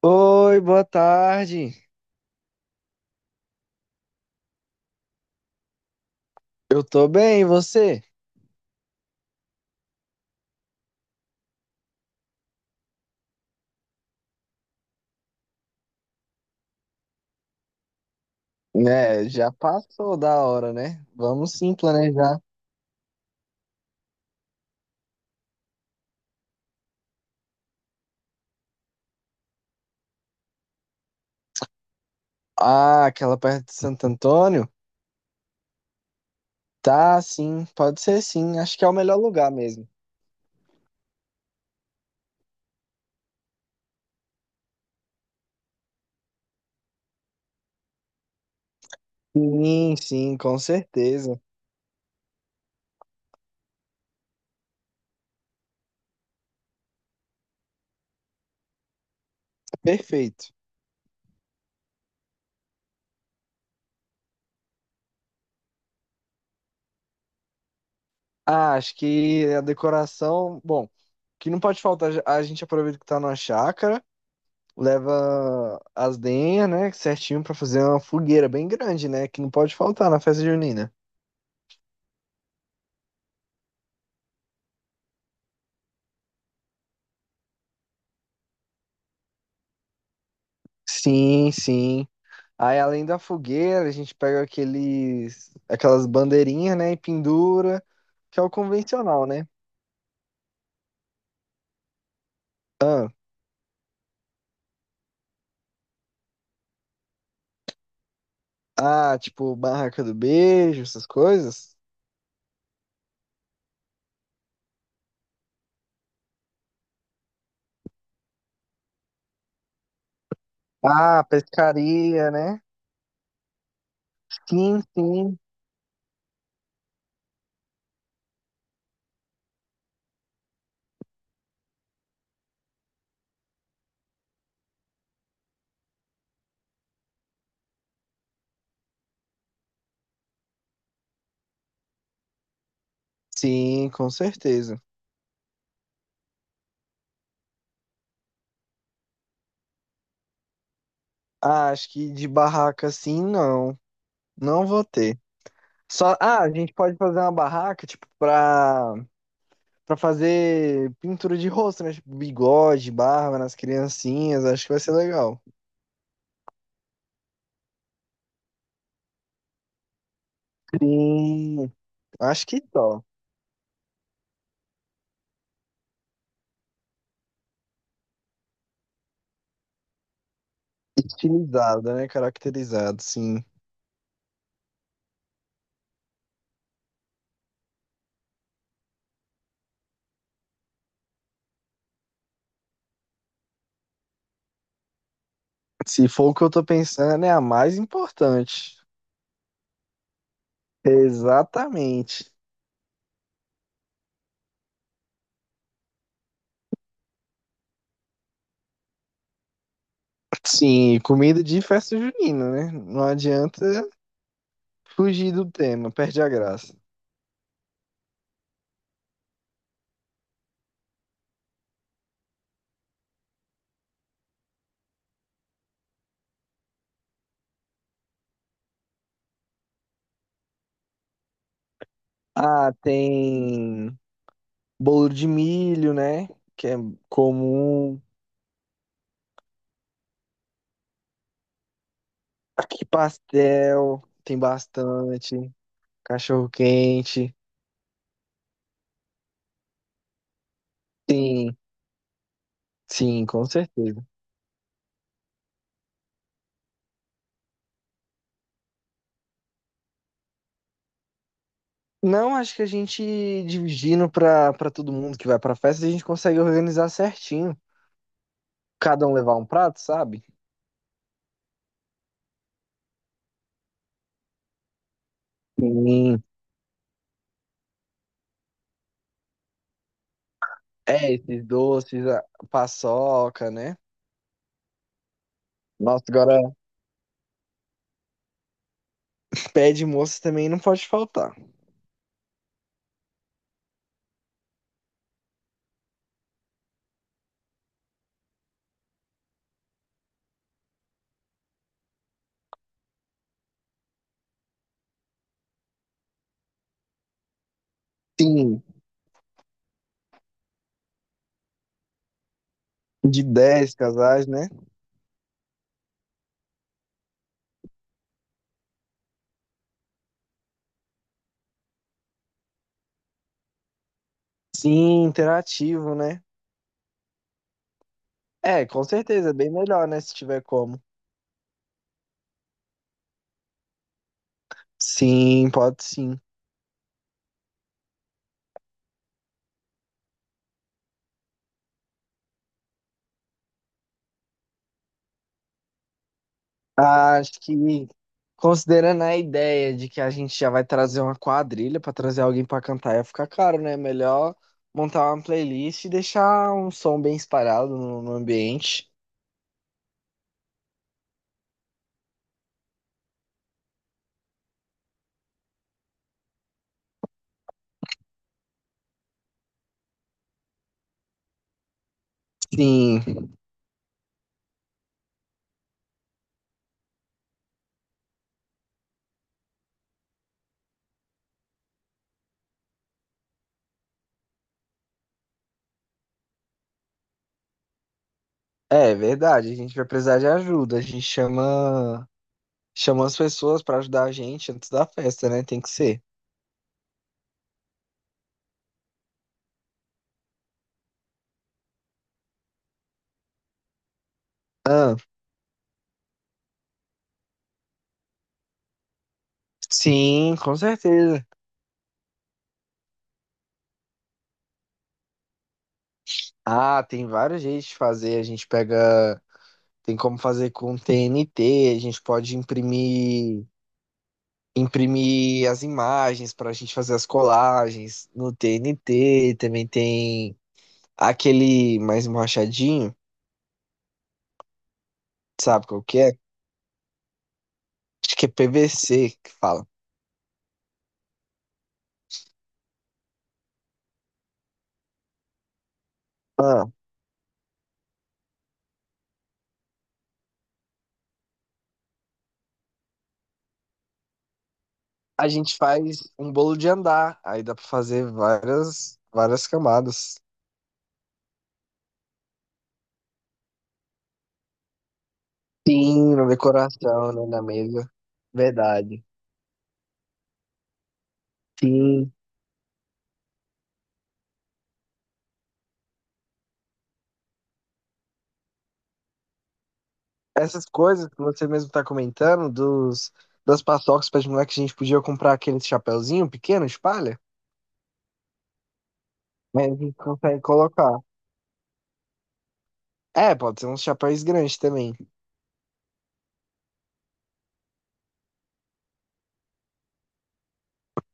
Oi, boa tarde. Eu tô bem, e você? É, já passou da hora, né? Vamos sim planejar. Ah, aquela perto de Santo Antônio? Tá, sim, pode ser sim. Acho que é o melhor lugar mesmo. Sim, sim, com certeza. Perfeito. Ah, acho que a decoração, bom, que não pode faltar, a gente aproveita que tá numa chácara, leva as lenhas, né, certinho pra fazer uma fogueira bem grande, né, que não pode faltar na festa junina. Sim, sim. Aí, além da fogueira, a gente pega aqueles, aquelas bandeirinhas, né, e pendura, que é o convencional, né? Ah, tipo, barraca do beijo, essas coisas. Ah, pescaria, né? Sim, sim. Sim, com certeza. Ah, acho que de barraca, sim, não. Não vou ter. Só, ah, a gente pode fazer uma barraca, tipo, pra fazer pintura de rosto, né? Tipo, bigode, barba nas criancinhas, acho que vai ser legal. Sim. Acho que só. Estilizado, né? Caracterizado, sim. Se for o que eu tô pensando, é a mais importante. Exatamente. Sim, comida de festa junina, né? Não adianta fugir do tema, perde a graça. Ah, tem bolo de milho, né? Que é comum. Aqui pastel, tem bastante. Cachorro quente. Sim, sim, com certeza. Não, acho que a gente dividindo pra todo mundo que vai pra festa, a gente consegue organizar certinho. Cada um levar um prato, sabe? Sim. É, esses doces, a paçoca, né? Nossa, agora pé de moça também não pode faltar. Sim, de 10 casais, né? Sim, interativo, né? É, com certeza, é bem melhor, né? Se tiver como. Sim, pode sim. Acho que, considerando a ideia de que a gente já vai trazer uma quadrilha pra trazer alguém pra cantar, ia ficar caro, né? Melhor montar uma playlist e deixar um som bem espalhado no ambiente. Sim, é verdade. A gente vai precisar de ajuda. Chama as pessoas pra ajudar a gente antes da festa, né? Tem que ser. Ah, sim, com certeza. Ah, tem vários jeitos de fazer. A gente pega. Tem como fazer com TNT, a gente pode imprimir as imagens para a gente fazer as colagens no TNT, também tem aquele mais machadinho, sabe qual que é? Acho que é PVC que fala. Ah, a gente faz um bolo de andar, aí dá para fazer várias várias camadas. Sim, na decoração, né, na mesa. Verdade. Sim. Essas coisas que você mesmo tá comentando dos das paçocas para de moleque, a gente podia comprar aquele chapéuzinho pequeno de palha, mas a gente consegue colocar. É, pode ser uns chapéus grandes também.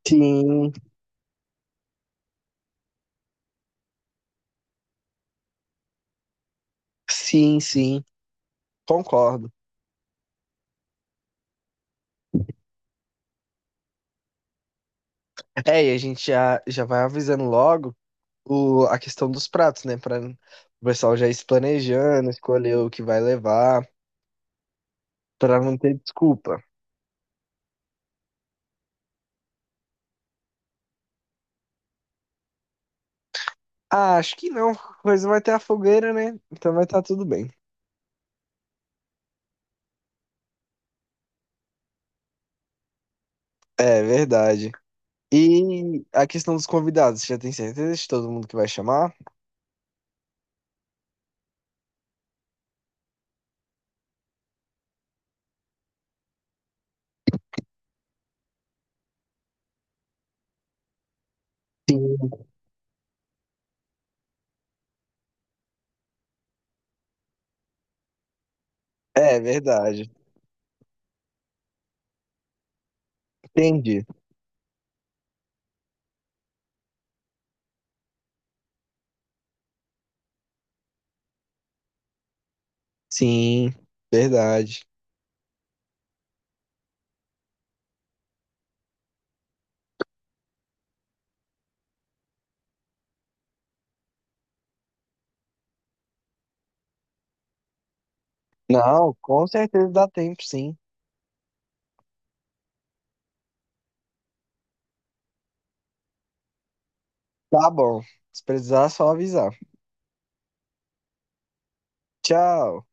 Sim, sim, sim. Concordo. É, e a gente já vai avisando logo o, a questão dos pratos, né? Pra o pessoal já ir se planejando, escolher o que vai levar, pra não ter desculpa. Ah, acho que não. Coisa vai ter a fogueira, né? Então vai estar tudo bem. É, verdade. E a questão dos convidados, você já tem certeza de todo mundo que vai chamar? Sim. É, verdade. Entendi. Sim, verdade. Não, com certeza dá tempo, sim. Tá bom. Se precisar, é só avisar. Tchau.